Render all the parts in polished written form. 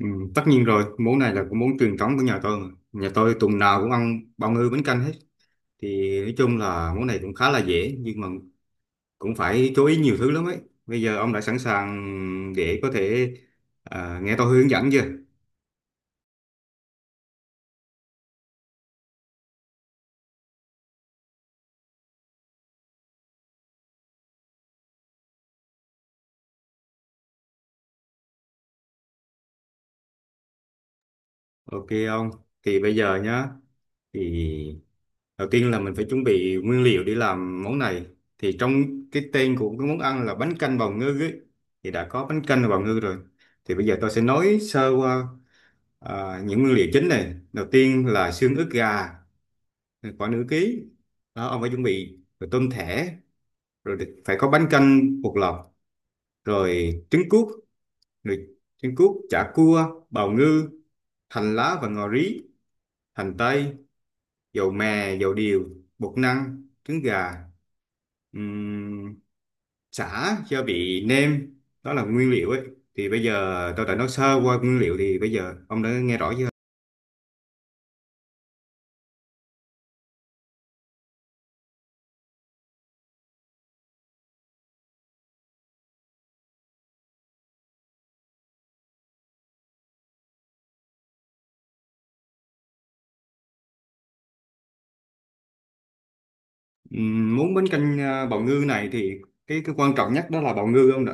Ừ, tất nhiên rồi, món này là cái món truyền thống của nhà tôi mà. Nhà tôi tuần nào cũng ăn bào ngư bánh canh hết. Thì nói chung là món này cũng khá là dễ nhưng mà cũng phải chú ý nhiều thứ lắm ấy. Bây giờ ông đã sẵn sàng để có thể nghe tôi hướng dẫn chưa? Ok ông. Thì bây giờ nhá, thì đầu tiên là mình phải chuẩn bị nguyên liệu để làm món này. Thì trong cái tên của cái món ăn là bánh canh bào ngư ấy, thì đã có bánh canh và bào ngư rồi. Thì bây giờ tôi sẽ nói sơ qua. Những nguyên liệu chính này, đầu tiên là xương ức gà khoảng nửa ký, đó ông phải chuẩn bị, rồi tôm thẻ, rồi phải có bánh canh bột lọc, rồi trứng cút, rồi trứng cút chả cua, bào ngư, hành lá và ngò rí, hành tây, dầu mè, dầu điều, bột năng, trứng gà, ừm, sả, gia vị nêm. Đó là nguyên liệu ấy. Thì bây giờ tôi đã nói sơ qua nguyên liệu, thì bây giờ ông đã nghe rõ chưa? Muốn bánh canh bào ngư này thì cái quan trọng nhất đó là bào ngư, không ạ?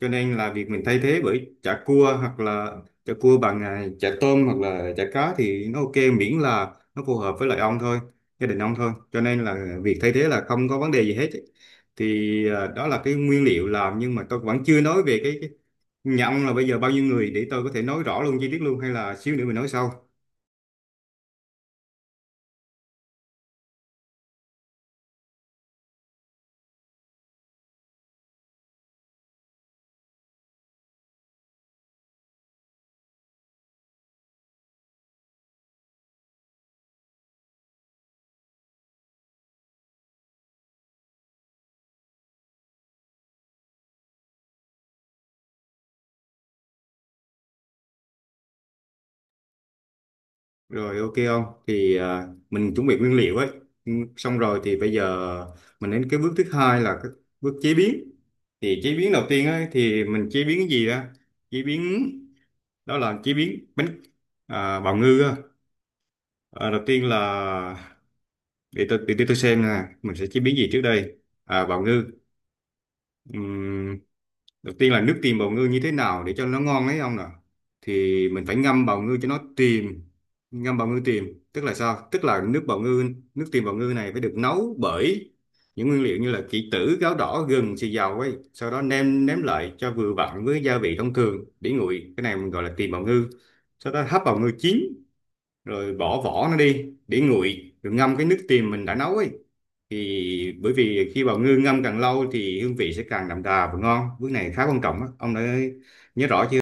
Cho nên là việc mình thay thế bởi chả cua, hoặc là chả cua bằng à, chả tôm hoặc là chả cá thì nó ok, miễn là nó phù hợp với lại ông thôi, gia đình ông thôi. Cho nên là việc thay thế là không có vấn đề gì hết ấy. Thì đó là cái nguyên liệu làm, nhưng mà tôi vẫn chưa nói về cái nhà ông là bây giờ bao nhiêu người, để tôi có thể nói rõ luôn chi tiết luôn hay là xíu nữa mình nói sau. Rồi, ok không? Thì mình chuẩn bị nguyên liệu ấy. Ừ, xong rồi thì bây giờ mình đến cái bước thứ hai là cái bước chế biến. Thì chế biến đầu tiên ấy thì mình chế biến cái gì á? Chế biến đó là chế biến bánh bào ngư á. À, đầu tiên là để tôi xem nè, mình sẽ chế biến gì trước đây? À, bào ngư. Đầu tiên là nước tìm bào ngư như thế nào để cho nó ngon ấy ông nè, thì mình phải ngâm bào ngư cho nó tìm. Ngâm bào ngư tìm tức là sao? Tức là nước bào ngư, nước tìm bào ngư này phải được nấu bởi những nguyên liệu như là kỷ tử, gáo đỏ, gừng, xì dầu ấy, sau đó nêm nếm lại cho vừa vặn với gia vị thông thường, để nguội, cái này mình gọi là tìm bào ngư. Sau đó hấp bào ngư chín rồi bỏ vỏ nó đi, để nguội rồi ngâm cái nước tìm mình đã nấu ấy, thì bởi vì khi bào ngư ngâm càng lâu thì hương vị sẽ càng đậm đà và ngon. Bước này khá quan trọng á, ông đã nhớ rõ chưa?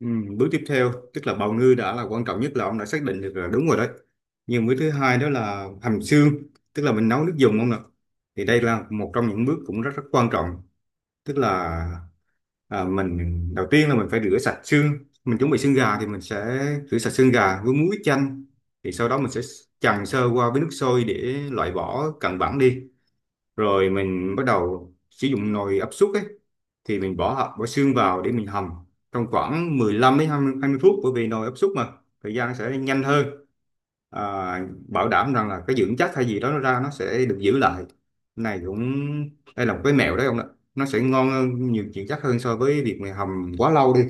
Ừ, bước tiếp theo, tức là bào ngư đã là quan trọng nhất, là ông đã xác định được là đúng rồi đấy, nhưng bước thứ hai đó là hầm xương, tức là mình nấu nước dùng ông ạ. Thì đây là một trong những bước cũng rất rất quan trọng. Tức là mình đầu tiên là mình phải rửa sạch xương. Mình chuẩn bị xương gà thì mình sẽ rửa sạch xương gà với muối, ít chanh, thì sau đó mình sẽ chần sơ qua với nước sôi để loại bỏ cặn bẩn đi, rồi mình bắt đầu sử dụng nồi áp suất ấy. Thì mình bỏ bỏ xương vào để mình hầm trong khoảng 15 đến hai mươi phút, bởi vì nồi áp suất mà thời gian sẽ nhanh hơn. à, Bảo đảm rằng là cái dưỡng chất hay gì đó nó ra, nó sẽ được giữ lại. Này cũng, đây là một cái mẹo đấy ông ạ, nó sẽ ngon hơn, nhiều dưỡng chất hơn so với việc mình hầm quá lâu đi.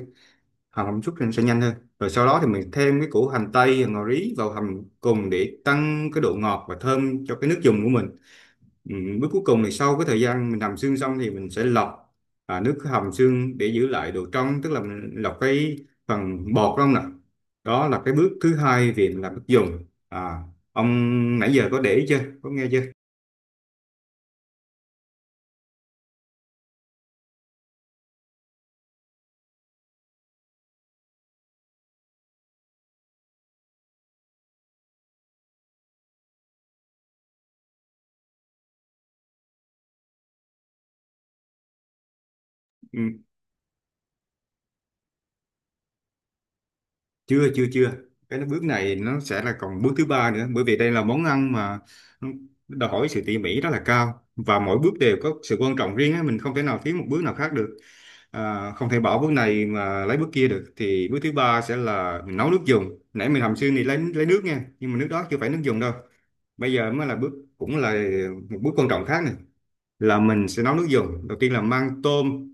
Hầm hầm chút thì nó sẽ nhanh hơn, rồi sau đó thì mình thêm cái củ hành tây, hành ngò rí vào hầm cùng để tăng cái độ ngọt và thơm cho cái nước dùng của mình. Ừ, bước cuối cùng thì sau cái thời gian mình hầm xương xong thì mình sẽ lọc nước hầm xương để giữ lại độ trong, tức là mình lọc cái phần bọt không nè. Đó là cái bước thứ hai, việc làm nước dùng. À, ông nãy giờ có để ý chưa, có nghe chưa? Ừ, chưa chưa chưa, cái bước này nó sẽ là còn bước thứ ba nữa, bởi vì đây là món ăn mà nó đòi hỏi sự tỉ mỉ rất là cao và mỗi bước đều có sự quan trọng riêng á, mình không thể nào thiếu một bước nào khác được. À, không thể bỏ bước này mà lấy bước kia được. Thì bước thứ ba sẽ là mình nấu nước dùng. Nãy mình hầm xương thì lấy nước nha, nhưng mà nước đó chưa phải nước dùng đâu. Bây giờ mới là bước cũng là một bước quan trọng khác này, là mình sẽ nấu nước dùng. Đầu tiên là mang tôm,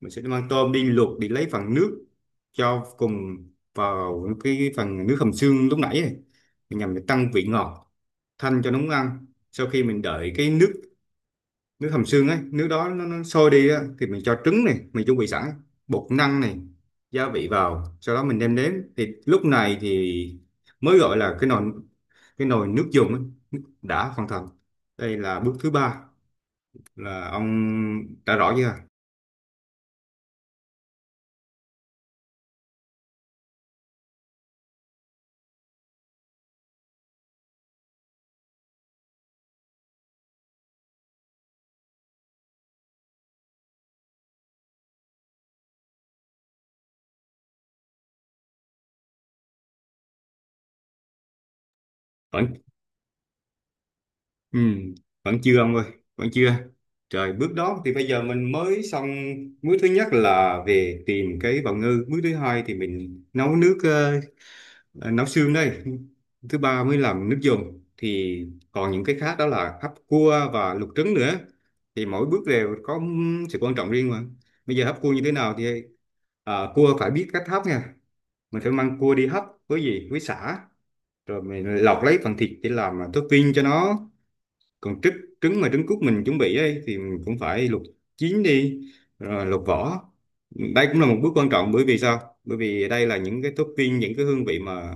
mình sẽ mang tôm đi luộc để lấy phần nước cho cùng vào cái phần nước hầm xương lúc nãy này, nhằm để tăng vị ngọt thanh cho nóng ăn. Sau khi mình đợi cái nước, nước hầm xương ấy, nước đó nó sôi đi á, thì mình cho trứng này mình chuẩn bị sẵn, bột năng này, gia vị vào, sau đó mình đem đến thì lúc này thì mới gọi là cái nồi, cái nồi nước dùng ấy, đã hoàn thành. Đây là bước thứ ba, là ông đã rõ chưa? Vẫn, ừ, vẫn chưa ông ơi, vẫn chưa. Trời, bước đó thì bây giờ mình mới xong. Bước thứ nhất là về tìm cái bào ngư, bước thứ hai thì mình nấu nước nấu xương đây, thứ ba mới làm nước dùng. Thì còn những cái khác đó là hấp cua và luộc trứng nữa, thì mỗi bước đều có sự quan trọng riêng mà. Bây giờ hấp cua như thế nào thì cua phải biết cách hấp nha. Mình phải mang cua đi hấp với gì, với sả, rồi mình lọc lấy phần thịt để làm topping cho nó. Còn trứng, trứng mà trứng cút mình chuẩn bị ấy, thì mình cũng phải luộc chín đi, rồi luộc vỏ. Đây cũng là một bước quan trọng, bởi vì sao? Bởi vì đây là những cái topping, những cái hương vị mà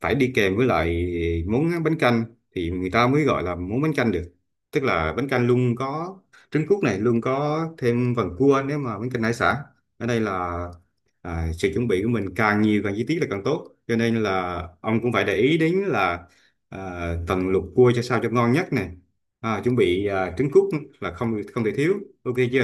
phải đi kèm với lại món bánh canh thì người ta mới gọi là món bánh canh được. Tức là bánh canh luôn có trứng cút này, luôn có thêm phần cua nếu mà bánh canh hải sản. Ở đây là sự chuẩn bị của mình càng nhiều càng chi tiết là càng tốt, cho nên là ông cũng phải để ý đến là tầng luộc cua cho sao cho ngon nhất này. Chuẩn bị trứng cút là không không thể thiếu. Ok chưa?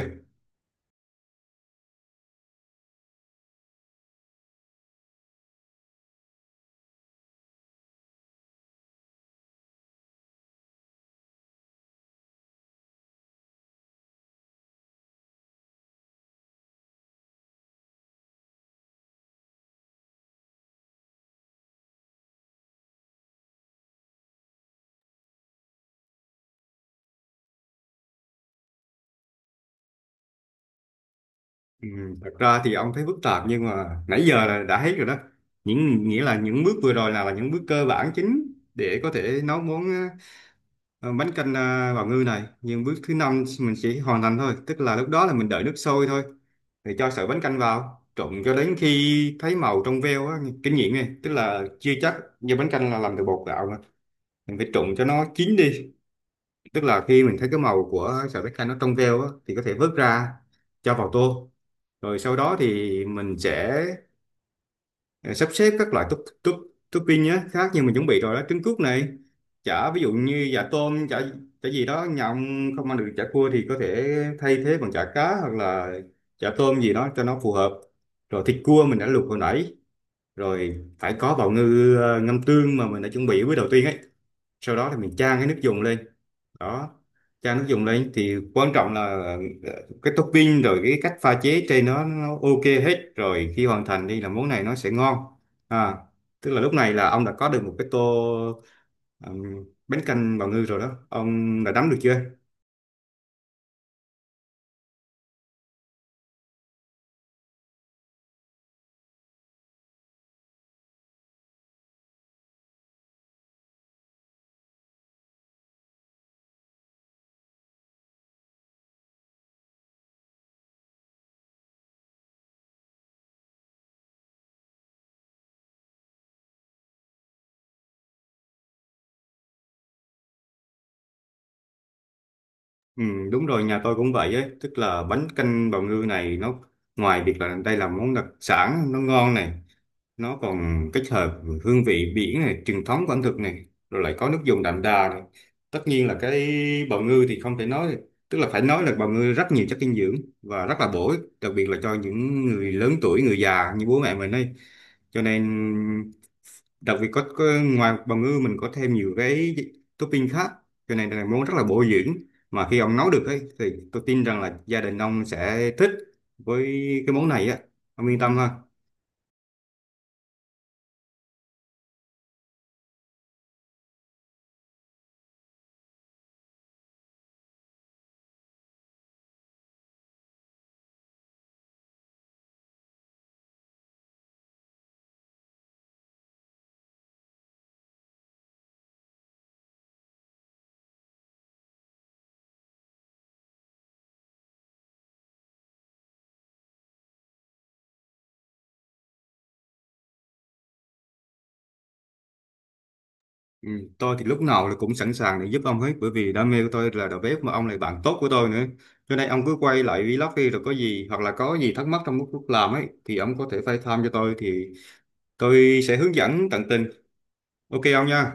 Ừ, thật ra thì ông thấy phức tạp, nhưng mà nãy giờ là đã thấy rồi đó, những nghĩa là những bước vừa rồi là những bước cơ bản chính để có thể nấu món bánh canh bào ngư này. Nhưng bước thứ năm mình chỉ hoàn thành thôi, tức là lúc đó là mình đợi nước sôi thôi, thì cho sợi bánh canh vào trộn cho đến khi thấy màu trong veo á. Kinh nghiệm này tức là chưa chắc như bánh canh là làm từ bột gạo mà mình phải trộn cho nó chín đi, tức là khi mình thấy cái màu của sợi bách canh nó trong veo á, thì có thể vớt ra cho vào tô. Rồi sau đó thì mình sẽ ờ, sắp xếp các loại top top topping á, khác như mình chuẩn bị rồi đó: trứng cút này, chả ví dụ như chả tôm, chả chả gì đó, nhà ông không ăn được chả cua thì có thể thay thế bằng chả cá hoặc là chả tôm gì đó cho nó phù hợp, rồi thịt cua mình đã luộc hồi nãy, rồi phải có bào ngư ngâm tương mà mình đã chuẩn bị với đầu tiên ấy. Sau đó thì mình chan cái nước dùng lên. Đó, cha nó dùng lên thì quan trọng là cái topping rồi cái cách pha chế trên nó ok hết rồi, khi hoàn thành đi là món này nó sẽ ngon. à tức là lúc này là ông đã có được một cái tô, ừm, bánh canh bào ngư rồi đó. Ông đã nắm được chưa? Ừ, đúng rồi, nhà tôi cũng vậy ấy, tức là bánh canh bào ngư này nó ngoài việc là đây là món đặc sản nó ngon này, nó còn kết hợp hương vị biển này, truyền thống của ẩm thực này, rồi lại có nước dùng đậm đà này. Tất nhiên là cái bào ngư thì không thể nói, tức là phải nói là bào ngư rất nhiều chất dinh dưỡng và rất là bổ ích, đặc biệt là cho những người lớn tuổi, người già như bố mẹ mình đây. Cho nên, đặc biệt có ngoài bào ngư mình có thêm nhiều cái topping khác, cho nên là món rất là bổ dưỡng mà khi ông nấu được ấy, thì tôi tin rằng là gia đình ông sẽ thích với cái món này á. Ông yên tâm ha. Ừ, tôi thì lúc nào là cũng sẵn sàng để giúp ông hết, bởi vì đam mê của tôi là đầu bếp mà ông là bạn tốt của tôi nữa. Cho nên ông cứ quay lại vlog đi, rồi có gì hoặc là có gì thắc mắc trong lúc làm ấy thì ông có thể phải tham cho tôi, thì tôi sẽ hướng dẫn tận tình. Ok ông nha.